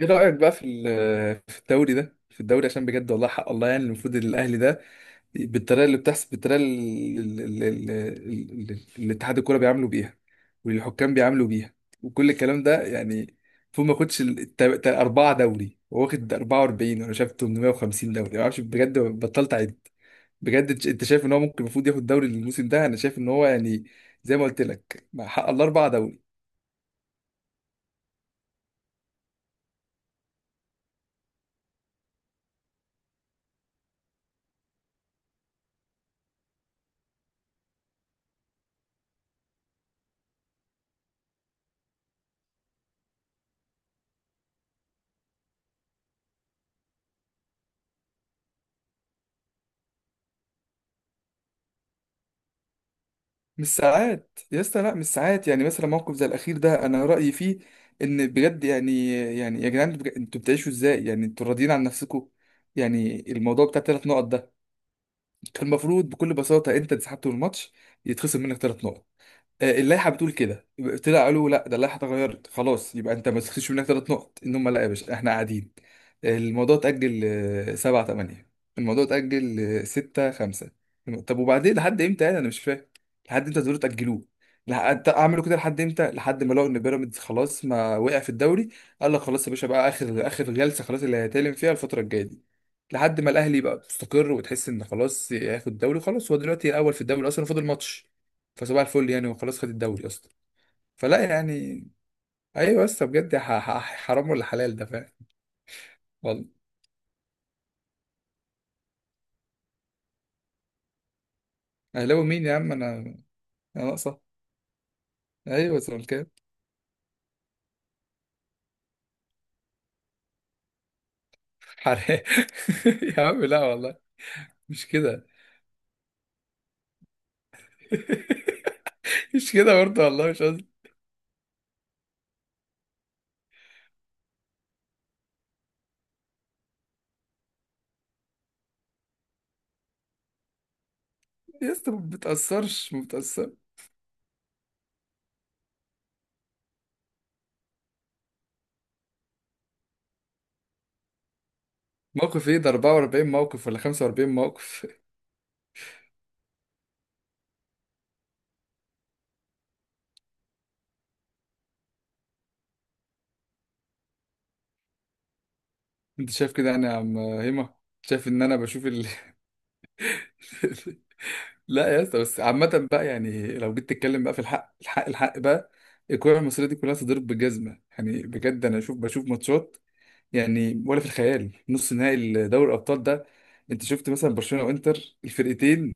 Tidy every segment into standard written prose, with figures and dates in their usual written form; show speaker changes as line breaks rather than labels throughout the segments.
ايه رأيك بقى في الدوري ده في الدوري عشان بجد، والله حق الله. يعني المفروض الاهلي ده بالطريقه اللي بتحصل، بالطريقه اللي اتحاد الكوره بيعاملوا بيها والحكام بيعاملوا بيها وكل الكلام ده. يعني المفروض ما ياخدش اربعه دوري. هو واخد 44 وانا شايف 850 دوري، ما اعرفش بجد، بطلت اعد. بجد انت، أنت شايف ان هو ممكن المفروض ياخد دوري الموسم ده؟ انا شايف ان هو يعني زي ما قلت لك، مع حق الله، اربعه دوري. مش ساعات يا اسطى، لا مش ساعات. يعني مثلا موقف زي الاخير ده، انا رايي فيه ان بجد يعني يعني يا جدعان، انتوا بتعيشوا ازاي؟ يعني انتوا راضيين عن نفسكم؟ يعني الموضوع بتاع ثلاث نقط ده، كان المفروض بكل بساطه انت انسحبت من الماتش يتخصم منك ثلاث نقط. آه، اللائحه بتقول كده. طلع قالوا لا ده اللائحه اتغيرت خلاص، يبقى انت ما تخسرش منك ثلاث نقط. ان هم، لا يا باشا احنا قاعدين. آه، الموضوع اتاجل. آه، سبعة تمانية. الموضوع اتاجل. آه، ستة خمسة. طب وبعدين لحد امتى؟ يعني انا مش فاهم لحد امتى تقدروا تاجلوه. لحد اعملوا كده لحد امتى؟ لحد ما لقوا ان بيراميدز خلاص ما وقع في الدوري. قال لك خلاص يا باشا، بقى اخر اخر جلسه خلاص اللي هيتكلم فيها الفتره الجايه دي لحد ما الاهلي يبقى مستقر وتحس ان خلاص هياخد الدوري. خلاص هو دلوقتي الاول في الدوري اصلا، فاضل ماتش. فصباح الفل يعني، وخلاص، خد الدوري اصلا. فلا يعني. ايوه بس بجد، حرام ولا حلال ده؟ فاهم، والله. اهلاوي مين يا عم؟ انا انا ناقصه. ايوه زملكاوي حلال. يا عم لا والله. مش كده. مش كده برضه، والله مش قصدي. يا اسطى ما بتأثرش، ما بتأثر. موقف ايه ده؟ 44 موقف ولا 45 موقف؟ انت شايف كده. انا يا عم هيما شايف ان انا بشوف ال... لا يا اسطى، بس عامة بقى، يعني لو جيت تتكلم بقى في الحق، الحق الحق بقى، الكورة المصرية دي كلها تضرب بالجزمة. يعني بجد أنا أشوف، بشوف ماتشات، يعني ولا في الخيال. نص نهائي دوري الأبطال ده، أنت شفت مثلا برشلونة وإنتر؟ الفرقتين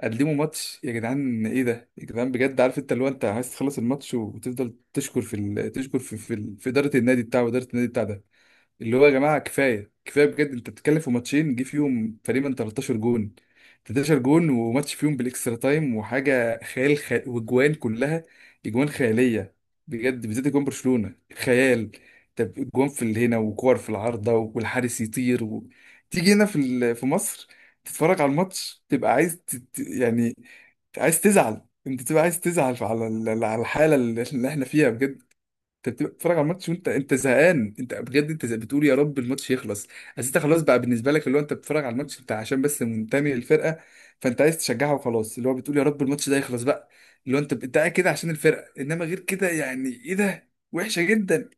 قدموا ماتش يا جدعان. إيه ده يا جدعان بجد؟ عارف، أنت اللي هو أنت عايز تخلص الماتش وتفضل تشكر تشكر في إدارة النادي بتاعه وإدارة النادي بتاع ده. اللي هو يا جماعه، كفايه كفايه بجد. انت بتتكلم في ماتشين جه فيهم تقريبا 13 جون، 13 جون، وماتش فيهم بالاكسترا تايم وحاجه خيال، واجوان كلها اجوان خياليه بجد. بالذات اجوان برشلونه خيال. طب اجوان في اللي هنا، وكور في العارضه والحارس يطير و... تيجي هنا في مصر، تتفرج على الماتش تبقى عايز يعني عايز تزعل. انت تبقى عايز تزعل على على الحاله اللي احنا فيها بجد. انت بتبقى بتتفرج على الماتش وانت، انت زهقان. انت بجد انت بتقول يا رب الماتش يخلص. بس انت خلاص بقى، بالنسبه لك اللي هو انت بتتفرج على الماتش بتاع عشان بس منتمي للفرقه، فانت عايز تشجعها وخلاص، اللي هو بتقول يا رب الماتش ده يخلص بقى. اللي هو انت، انت قاعد كده عشان الفرقه، انما غير كده يعني ايه ده؟ وحشه جدا.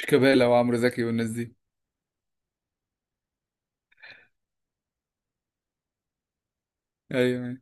شيكابالا وعمرو زكي والناس دي، ايوه.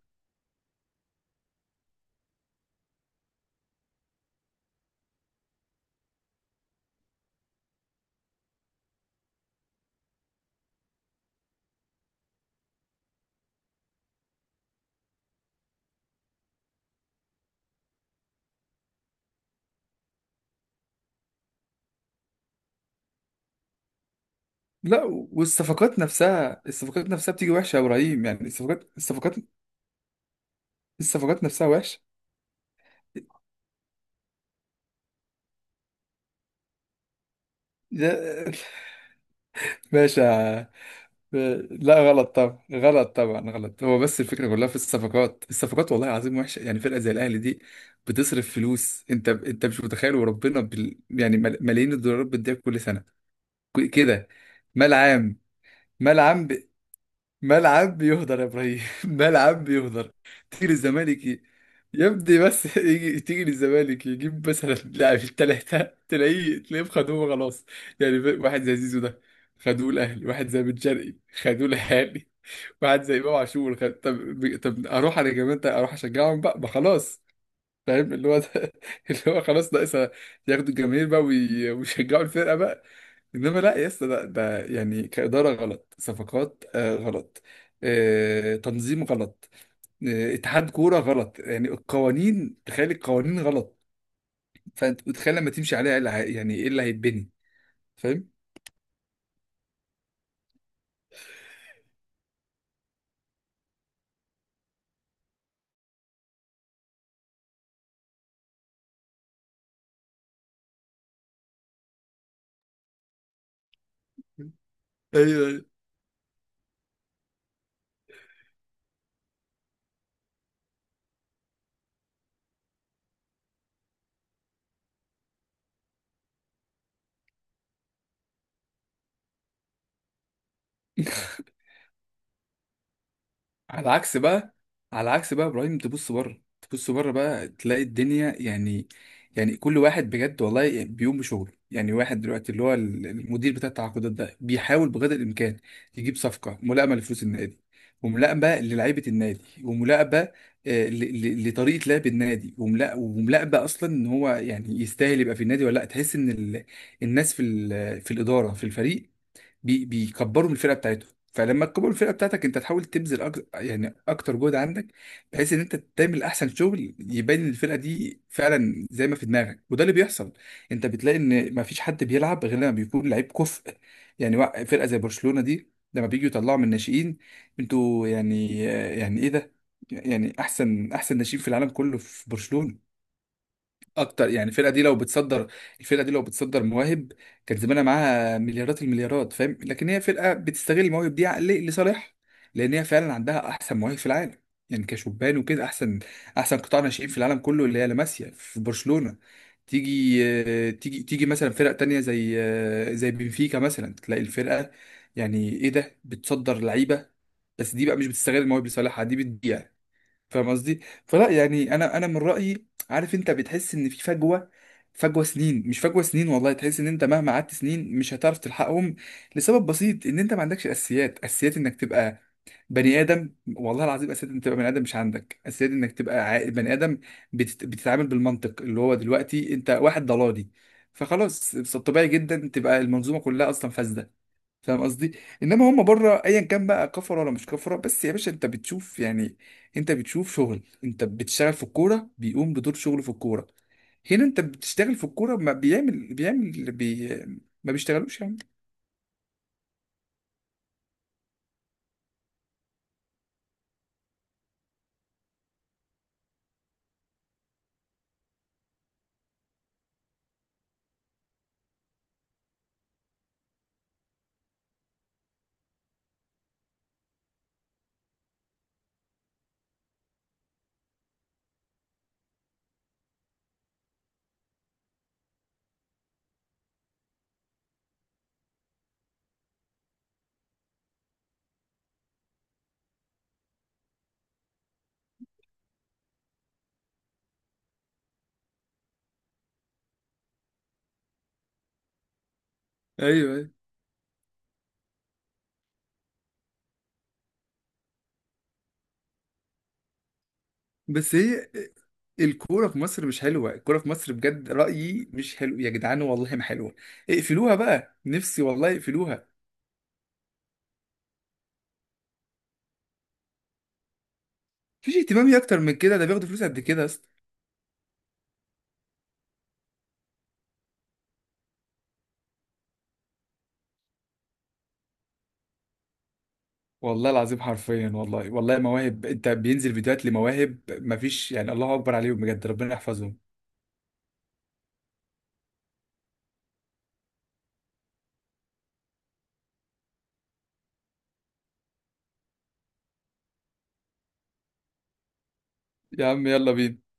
لا، والصفقات نفسها، الصفقات نفسها بتيجي وحشه يا ابراهيم. يعني الصفقات الصفقات، الصفقات نفسها وحشه. ده باشا، لا غلط طبعا، غلط طبعا غلط. هو بس الفكره كلها في الصفقات، الصفقات، والله العظيم وحشه. يعني فرقه زي الاهلي دي بتصرف فلوس، انت، انت مش متخيل وربنا يعني ملايين الدولارات بتضيع كل سنه كده. مال عام. مال عام مال عام بيهدر يا ابراهيم. مال عام بيهدر. تيجي للزمالك يبدي بس. يجي تيجي للزمالك يجيب مثلا لاعب التلاته، تلاقيه تلاقيه خدوه خلاص. يعني واحد زي زيزو ده، خدوه الاهلي. واحد زي بن شرقي، خدوه الاهلي. واحد زي امام عاشور طب، طب اروح انا كمان، طيب اروح اشجعهم بقى، ما خلاص، فاهم اللي هو ده. اللي هو خلاص ناقصها، ياخدوا الجماهير بقى ويشجعوا الفرقه بقى. انما لا يا اسطى، ده يعني كاداره غلط، صفقات آه غلط، آه تنظيم غلط، آه اتحاد كوره غلط. يعني القوانين، تخيل، القوانين غلط. فانت متخيل لما تمشي عليها إيه اللي هي- يعني ايه اللي هيتبني؟ فاهم؟ ايوه، أيوة. على عكس بقى، على عكس بقى ابراهيم، تبص بره، تبص بره بقى تلاقي الدنيا، يعني يعني كل واحد بجد والله بيقوم بشغله. يعني واحد دلوقتي اللي هو المدير بتاع التعاقدات ده بيحاول بقدر الامكان يجيب صفقه ملائمه لفلوس النادي، وملائمه للعيبه النادي، وملائمه آه، لطريقه لعب النادي، وملائمه اصلا ان هو يعني يستاهل يبقى في النادي ولا لا. تحس ان الناس في في الاداره في الفريق بيكبروا من الفرقه بتاعتهم. فلما تكبر الفرقه بتاعتك انت، تحاول تبذل يعني اكتر جهد عندك، بحيث ان انت تعمل احسن شغل يبان إن الفرقه دي فعلا زي ما في دماغك. وده اللي بيحصل. انت بتلاقي ان ما فيش حد بيلعب غير لما بيكون لعيب كفء. يعني فرقه زي برشلونه دي لما بيجوا يطلعوا من الناشئين، انتوا يعني يعني ايه ده؟ يعني احسن احسن ناشئين في العالم كله في برشلونه، اكتر. يعني الفرقه دي لو بتصدر، الفرقه دي لو بتصدر مواهب كان زمانها معاها مليارات المليارات. فاهم؟ لكن هي فرقه بتستغل المواهب دي ل- لصالحها، لان هي فعلا عندها احسن مواهب في العالم. يعني كشبان وكده، احسن احسن قطاع ناشئين في العالم كله اللي هي لاماسيا في برشلونه. تيجي آه، تيجي تيجي مثلا فرق تانية زي آه، زي بنفيكا مثلا، تلاقي الفرقه يعني ايه ده بتصدر لعيبه، بس دي بقى مش بتستغل المواهب لصالحها، دي بتضيع. فاهم قصدي؟ فلا يعني انا، انا من رايي، عارف انت بتحس ان في فجوه، فجوه سنين. مش فجوه سنين، والله تحس ان انت مهما قعدت سنين مش هتعرف تلحقهم. لسبب بسيط، ان انت ما عندكش اساسيات. اساسيات انك تبقى بني ادم، والله العظيم، اساسيات انك تبقى بني ادم. مش عندك اساسيات انك تبقى عاقل بني ادم، بتتعامل بالمنطق اللي هو دلوقتي انت واحد ضلالي. فخلاص طبيعي جدا تبقى المنظومه كلها اصلا فاسده. فاهم قصدي؟ انما هم بره، ايا كان بقى كفره ولا مش كفره، بس يا باشا انت بتشوف يعني، انت بتشوف شغل. انت بتشتغل في الكوره بيقوم بدور شغله في الكوره. هنا انت بتشتغل في الكوره، ما بيعمل ما بيشتغلوش يعني. ايوه ايوه. بس هي الكوره في مصر مش حلوه. الكوره في مصر بجد، رايي مش حلو يا جدعان، والله ما حلوه، اقفلوها بقى، نفسي والله اقفلوها. مفيش اهتمام اكتر من كده، ده بياخدوا فلوس قد كده. والله العظيم حرفيا والله، والله مواهب. انت بينزل فيديوهات لمواهب مفيش، يعني الله اكبر عليهم بجد، ربنا يحفظهم. يا عم يلا بينا.